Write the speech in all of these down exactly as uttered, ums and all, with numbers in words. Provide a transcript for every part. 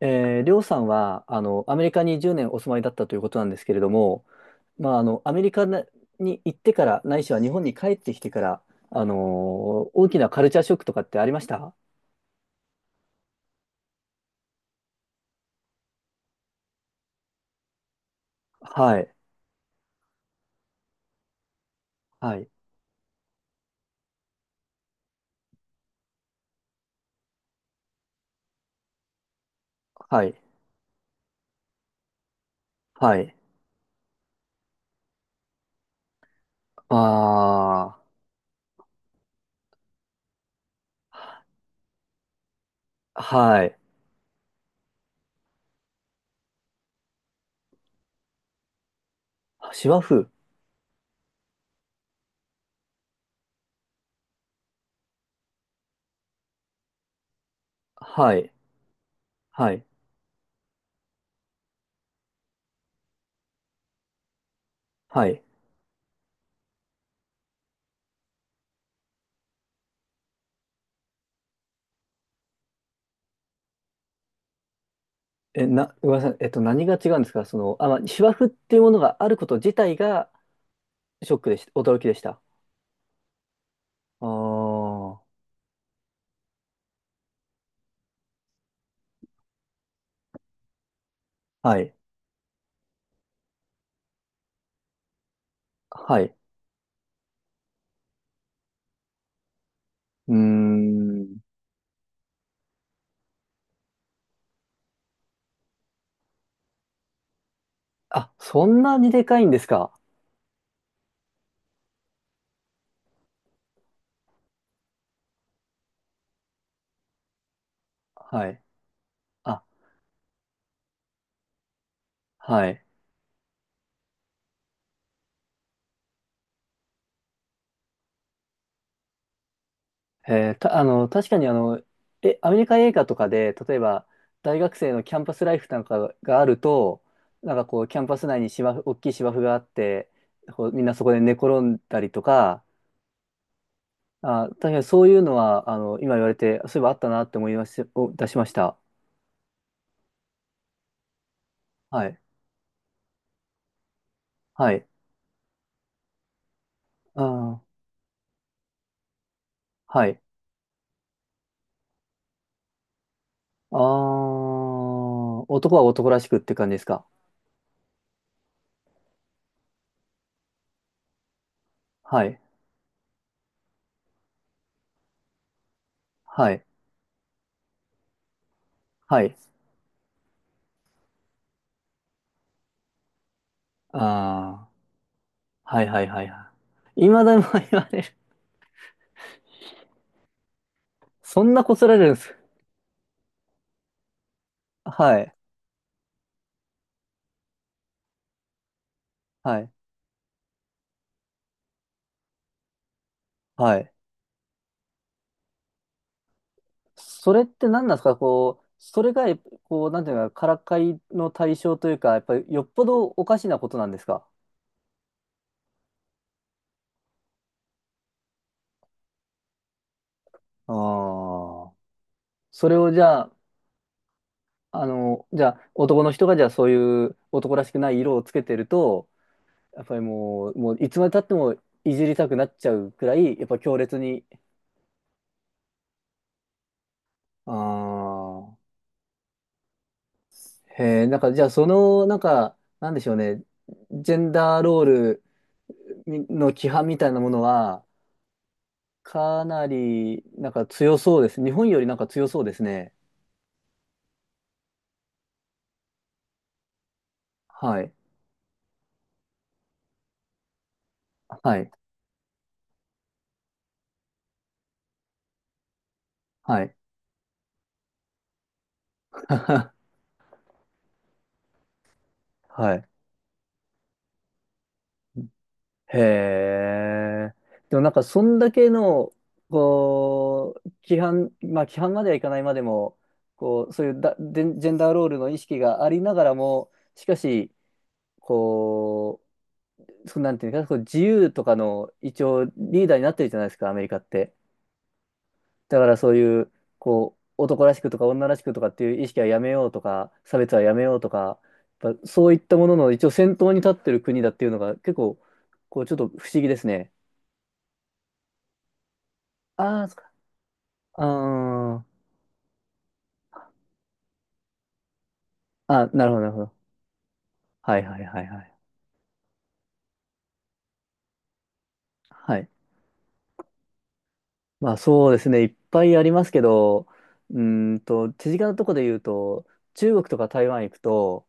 えー、りょうさんは、あの、アメリカにじゅうねんお住まいだったということなんですけれども、まあ、あの、アメリカなに行ってから、ないしは日本に帰ってきてから、あのー大きなカルチャーショックとかってありました？はい、はい、はい、はい。ああ、はい。シワ生。はい、はい、はい。え、な、ごめんなさい。えっと、何が違うんですか？その、あ、まあ、シワ生っていうものがあること自体がショックでした。驚きでした。ああ、はい、はい。うーん。あ、そんなにでかいんですか？はい。あ、はい。えーた、あの、確かにあの、え、アメリカ映画とかで、例えば、大学生のキャンパスライフなんかがあると、なんかこう、キャンパス内に芝生、大きい芝生があって、こうみんなそこで寝転んだりとか、あ、確かにそういうのは、あの、今言われて、そういえばあったなって思いまし、お出しました。はい。はい。あー、はい。あー、男は男らしくって感じですか？はい。はい。はい。ああ、はいはいはいはい。未だに言われる。そんなこすられるんです。はい、はい、はい。それって何なんですか？こう、それが、こう、なんていうか、からかいの対象というか、やっぱりよっぽどおかしなことなんですか？ああ。それをじゃあ、あの、じゃあ、男の人がじゃあそういう男らしくない色をつけてると、やっぱりもう、もういつまで経ってもいじりたくなっちゃうくらい、やっぱ強烈に。ああ。へえ、なんか、じゃあ、その、なんか、なんでしょうね、ジェンダーロールみの規範みたいなものは、かなり、なんか強そうです。日本よりなんか強そうですね。はい。はい。はい。はい。へえ。でもなんか、そんだけの、こう、規範、まあ、規範まではいかないまでも、こう、そういうだ、ジェンジェンダーロールの意識がありながらも、しかし、こう、そうなんていうか、こう自由とかの一応リーダーになってるじゃないですか、アメリカって。だからそういう、こう、男らしくとか女らしくとかっていう意識はやめようとか、差別はやめようとか、やっぱそういったものの一応先頭に立ってる国だっていうのが結構、こう、ちょっと不思議ですね。ああ、そっか。ああ、あなるほど、なるほど。はいはいはいはい。はい。まあそうですね、いっぱいありますけど、うーんと、手近なとこで言うと、中国とか台湾行くと、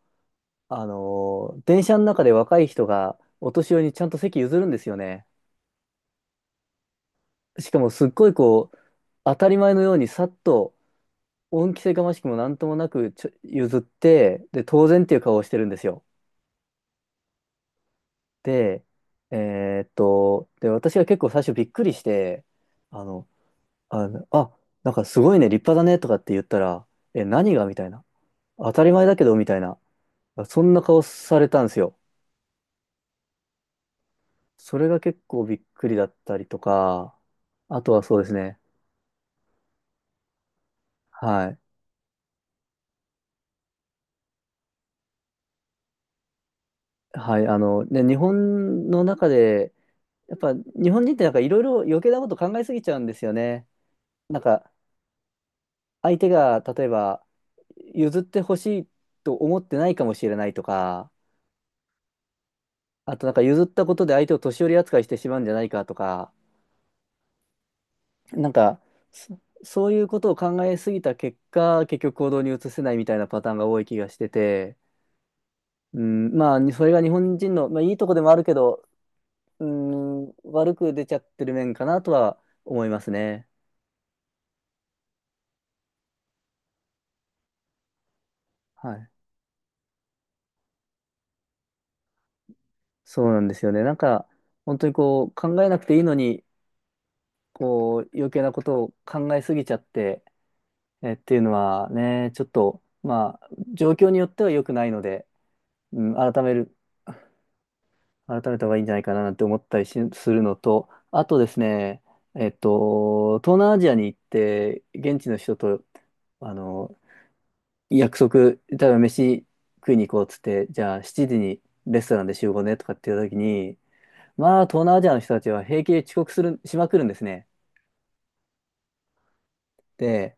あのー電車の中で若い人がお年寄りにちゃんと席譲るんですよね。しかもすっごいこう、当たり前のようにさっと、恩着せがましくもなんともなくちょ譲って、で、当然っていう顔をしてるんですよ。で、えーっと、で、私が結構最初びっくりして、あの、あの、あ、なんかすごいね、立派だねとかって言ったら、え、何がみたいな。当たり前だけどみたいな。そんな顔されたんですよ。それが結構びっくりだったりとか、あとはそうですね。はい。はい。あの、ね、日本の中で、やっぱ日本人ってなんかいろいろ余計なこと考えすぎちゃうんですよね。なんか相手が例えば譲ってほしいと思ってないかもしれないとか、あとなんか譲ったことで相手を年寄り扱いしてしまうんじゃないかとか、なんかそ、そういうことを考えすぎた結果、結局行動に移せないみたいなパターンが多い気がしてて、うん、まあ、にそれが日本人の、まあ、いいとこでもあるけど、うん、悪く出ちゃってる面かなとは思いますね。はい。そうなんですよね。なんか、本当にこう、考えなくていいのに、こう、余計なことを考えすぎちゃって、え、っていうのはね、ちょっと、まあ、状況によっては良くないので、うん、改める、改めた方がいいんじゃないかななんて思ったりしするのと、あとですね、えっと、東南アジアに行って、現地の人と、あの、約束、例えば飯食いに行こうっつって、じゃあしちじにレストランで集合ねとかっていう時に、まあ東南アジアの人たちは平気で遅刻する、しまくるんですね。で、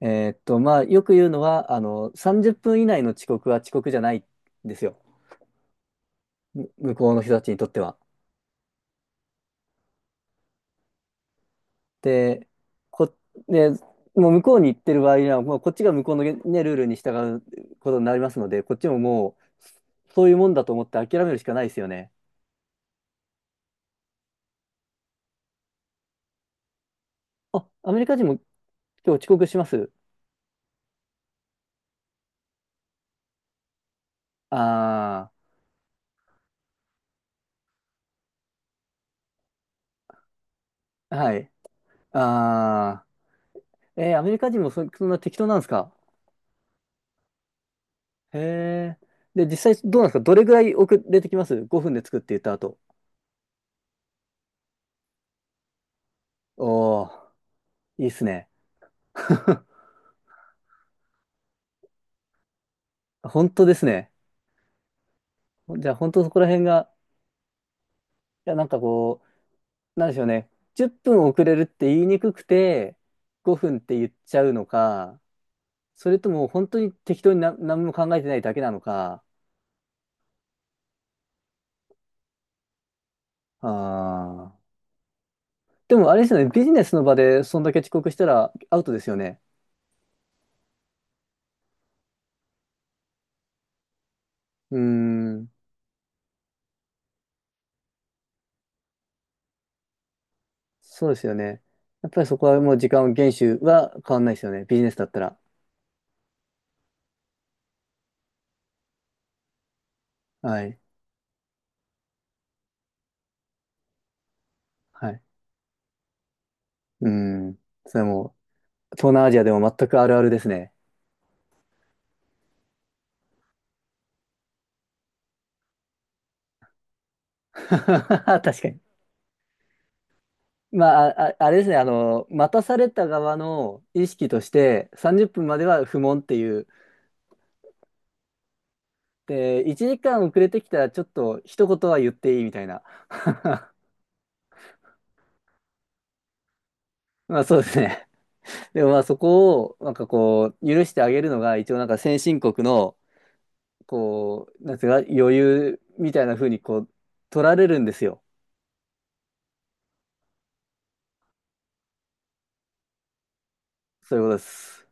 えーっと、まあよく言うのは、あの、さんじゅっぷん以内の遅刻は遅刻じゃないんですよ。む向こうの人たちにとっては。で、こ、で、もう向こうに行ってる場合には、もうこっちが向こうの、ね、ルールに従うことになりますので、こっちももう、そういうもんだと思って諦めるしかないですよね。あ、アメリカ人も今日遅刻します。ああ、はい。ああ、えー、アメリカ人もそ、そんな適当なんですか？へえ。で、実際どうなんですか？どれぐらい遅れてきます？ ご 分で作って言った後？おお、いいっすね。本当ですね。じゃあ本当そこら辺が、いや、なんかこう、なんでしょうね。じゅっぷん遅れるって言いにくくて、ごふんって言っちゃうのか、それとも本当に適当にな何も考えてないだけなのか。ああ。でもあれですよね。ビジネスの場でそんだけ遅刻したらアウトですよね。うーん。そうですよね。やっぱりそこはもう時間を厳守は変わんないですよね。ビジネスだったら。はい。はい。うーん。それはもう、東南アジアでも全くあるあるですね。確かに。まあ、あ、あれですね。あの、待たされた側の意識として、さんじゅっぷんまでは不問っていう。で、いちじかん遅れてきたらちょっと一言は言っていいみたいな。まあそうですね。でもまあそこをなんかこう許してあげるのが一応なんか先進国のこう、なんていうか、余裕みたいな風にこう、取られるんですよ。そういうことです。